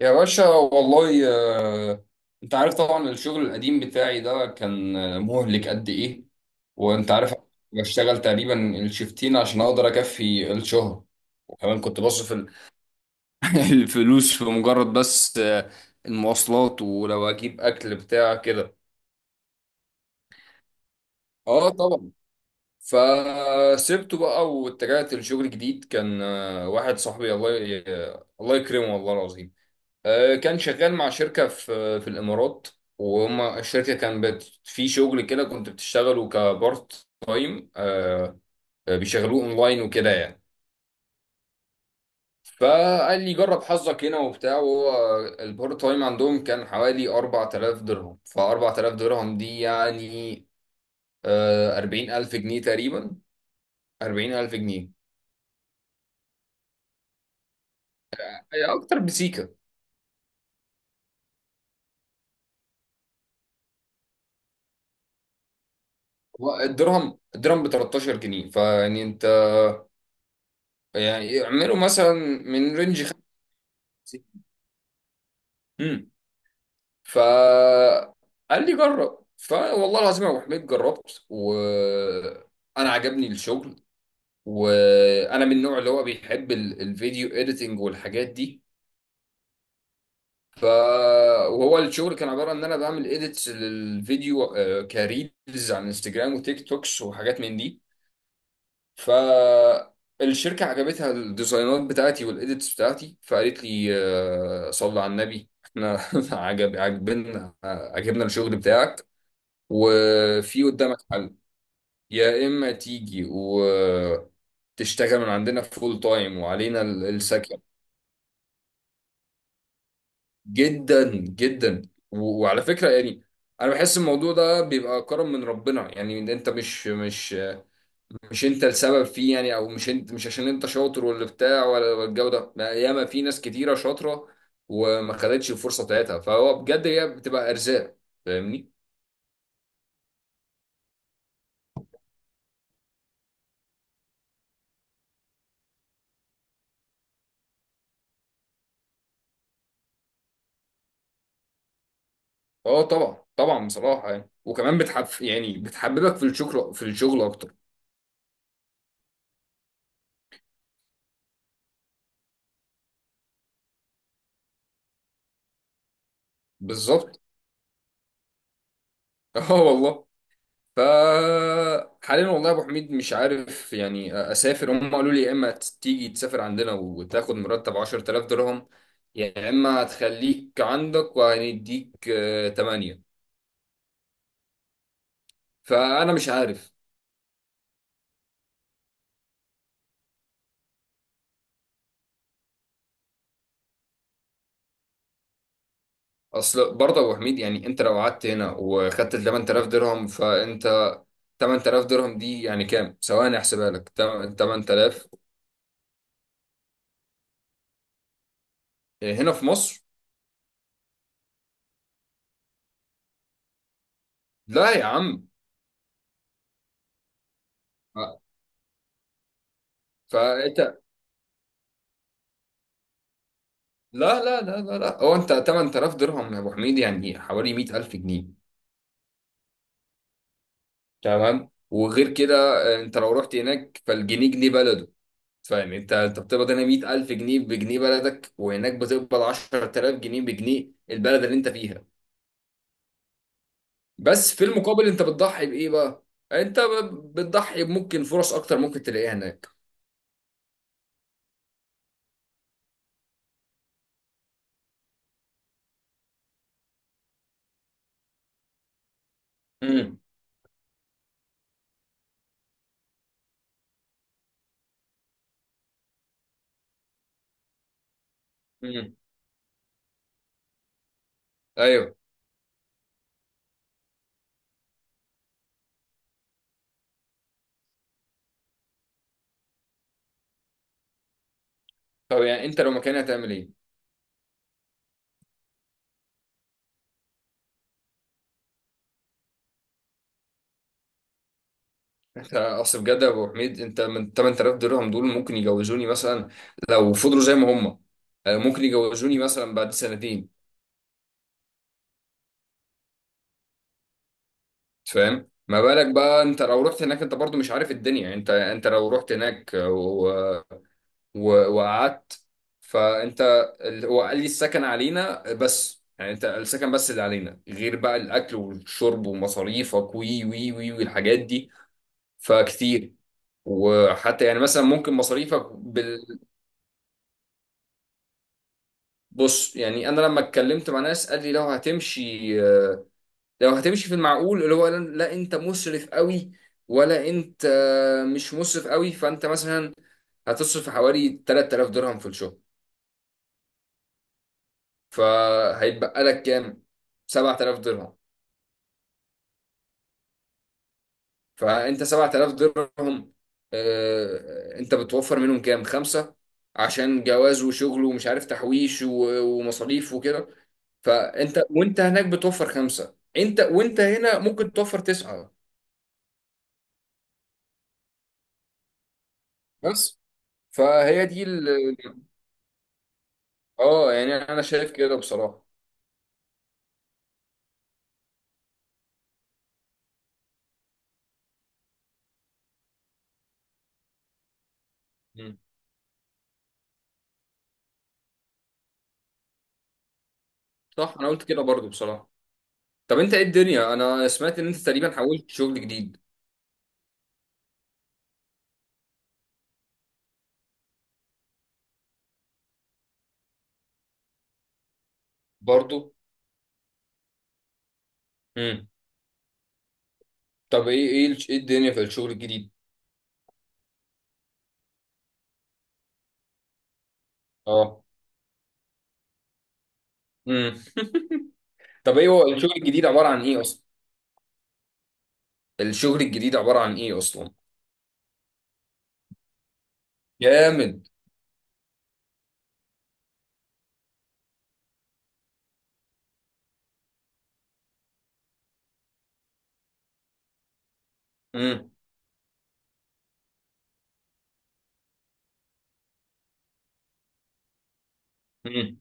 يا باشا والله. آه، انت عارف طبعا، الشغل القديم بتاعي ده كان مهلك قد ايه؟ وانت عارف، بشتغل تقريبا الشفتين عشان اقدر اكفي الشهر. وكمان كنت بصرف الفلوس في مجرد بس المواصلات، ولو اجيب اكل بتاع كده. اه طبعا. فسبته بقى واتجهت لشغل جديد كان واحد صاحبي، الله يكرمه والله العظيم. كان شغال مع شركة في الإمارات. وهم الشركة كان بت في شغل كده كنت بتشتغله كبارت تايم بيشغلوه اونلاين وكده يعني. فقال لي جرب حظك هنا وبتاع. وهو البارت تايم عندهم كان حوالي 4000 درهم. ف 4000 درهم دي يعني 40000 جنيه تقريبا، 40000 جنيه. هي أكتر بسيكة. هو الدرهم ب 13 جنيه. فيعني أنت، يعني اعملوا مثلا من رينج 50. فقال لي جرب. فوالله العظيم يا ابو حميد جربت وانا عجبني الشغل. وانا من النوع اللي هو بيحب الفيديو اديتنج والحاجات دي. ف، وهو الشغل كان عباره ان انا بعمل اديتس للفيديو، كريلز على انستجرام وتيك توكس وحاجات من دي. ف الشركة عجبتها الديزاينات بتاعتي والإيديتس بتاعتي. فقالت لي صلي على النبي، احنا عجبنا الشغل بتاعك. وفي قدامك حل، يا اما تيجي وتشتغل من عندنا فول تايم وعلينا السكن. جدا جدا. وعلى فكره يعني، انا بحس الموضوع ده بيبقى كرم من ربنا. يعني انت مش انت السبب فيه يعني، او مش انت، مش عشان انت شاطر ولا بتاع ولا الجو ده، لا، ياما في ناس كتيره شاطره وما خدتش الفرصه بتاعتها. فهو بجد هي بتبقى ارزاق، فاهمني. اه طبعا طبعا. بصراحه يعني، وكمان بتحببك في الشغل اكتر. بالظبط. اه والله. ف حاليا والله يا ابو حميد مش عارف، يعني اسافر. هم قالوا لي يا اما تيجي تسافر عندنا وتاخد مرتب 10000 درهم، يا اما هتخليك عندك وهنديك 8. فانا مش عارف. اصل برضه يا ابو حميد، يعني انت لو قعدت هنا وخدت 8000 درهم، فانت 8000 درهم دي يعني كام؟ ثواني احسبها لك. 8000، هنا في مصر. لا يا عم. فانت، لا لا لا لا لا، هو انت 8000 درهم يا ابو حميد يعني حوالي 100000 جنيه. تمام. وغير كده انت لو رحت هناك فالجنيه جنيه بلده. فاهم انت بتقبض هنا 100000 جنيه بجنيه بلدك، وهناك بتقبض 10000 جنيه بجنيه البلد اللي انت فيها. بس في المقابل انت بتضحي بايه بقى؟ انت بتضحي بممكن فرص اكتر ممكن تلاقيها هناك. امم، امم، ايوه. طب يعني انت لو مكاني هتعمل ايه؟ يعني اصل بجد يا ابو حميد، انت من 8000 درهم دول ممكن يجوزوني مثلا، لو فضلوا زي ما هم. ممكن يجوزوني مثلا بعد سنتين. فاهم ما بالك بقى انت لو رحت هناك؟ انت برضو مش عارف الدنيا. انت لو رحت هناك و... وقعدت، فانت هو قال لي السكن علينا بس، يعني انت السكن بس اللي علينا، غير بقى الاكل والشرب ومصاريفك وي وي وي والحاجات دي، فكتير. وحتى يعني مثلا ممكن مصاريفك. بص، يعني انا لما اتكلمت مع ناس قال لي لو هتمشي في المعقول، اللي هو لا انت مسرف قوي، ولا انت مش مسرف قوي. فانت مثلا هتصرف حوالي 3000 درهم في الشهر. فهيتبقى لك كام؟ 7000 درهم. فانت 7000 درهم، انت بتوفر منهم كام؟ خمسة، عشان جواز وشغل ومش عارف تحويش ومصاريف وكده. فانت وانت هناك بتوفر خمسه، انت وانت هنا ممكن توفر تسعه. بس. فهي دي اه، يعني انا شايف كده بصراحه. مم. صح، انا قلت كده برضو بصراحه. طب انت ايه الدنيا؟ انا سمعت ان انت تقريبا حولت شغل جديد برضو. امم. طب ايه الدنيا في الشغل الجديد؟ اه. امم. طب ايه هو الشغل الجديد عباره عن ايه اصلا؟ الشغل الجديد عباره عن ايه اصلا؟ جامد. امم، امم.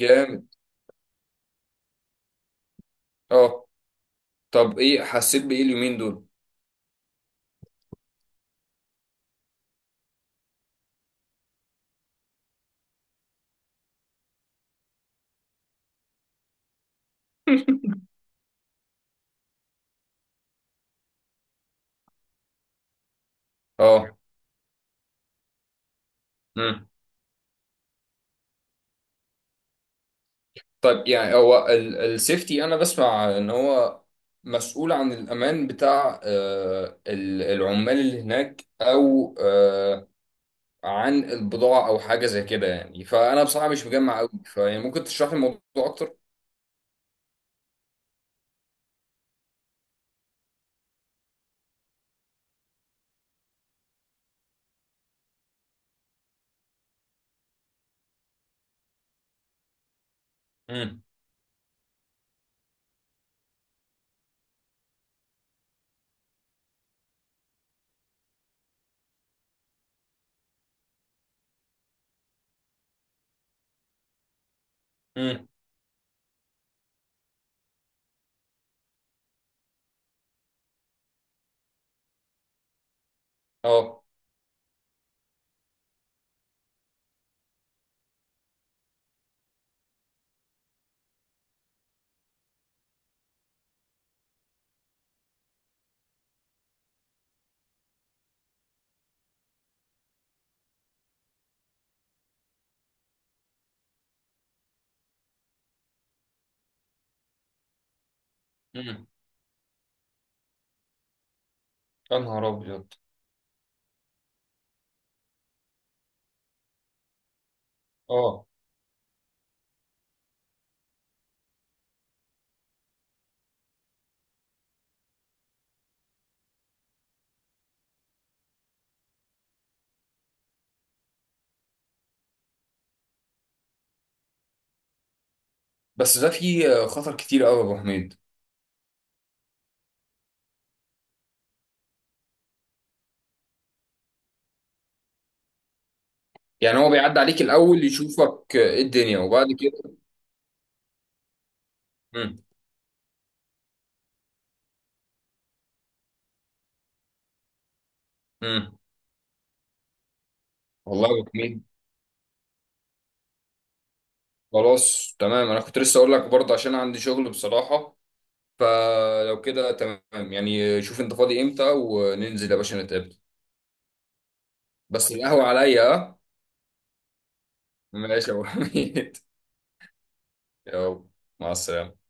جامد. اه. طب ايه حسيت بايه اليومين دول؟ اه. مم. طيب يعني هو السيفتي، انا بسمع ان هو مسؤول عن الامان بتاع العمال اللي هناك، او عن البضاعه، او حاجه زي كده يعني. فانا بصراحه مش مجمع قوي، فيعني ممكن تشرح لي الموضوع اكتر. امم. امم. اه. امم. يا نهار ابيض. اه. بس ده فيه خطر كتير قوي يا ابو حميد. يعني هو بيعدي عليك الاول يشوفك ايه الدنيا وبعد كده؟ امم، امم. والله يا ابو حميد، خلاص تمام. انا كنت لسه اقول لك برضه، عشان عندي شغل بصراحة. فلو كده تمام، يعني شوف انت فاضي امتى وننزل يا باشا نتقابل. بس القهوة عليا، ها؟ ماشي يا ابو حميد. يلا مع السلامة.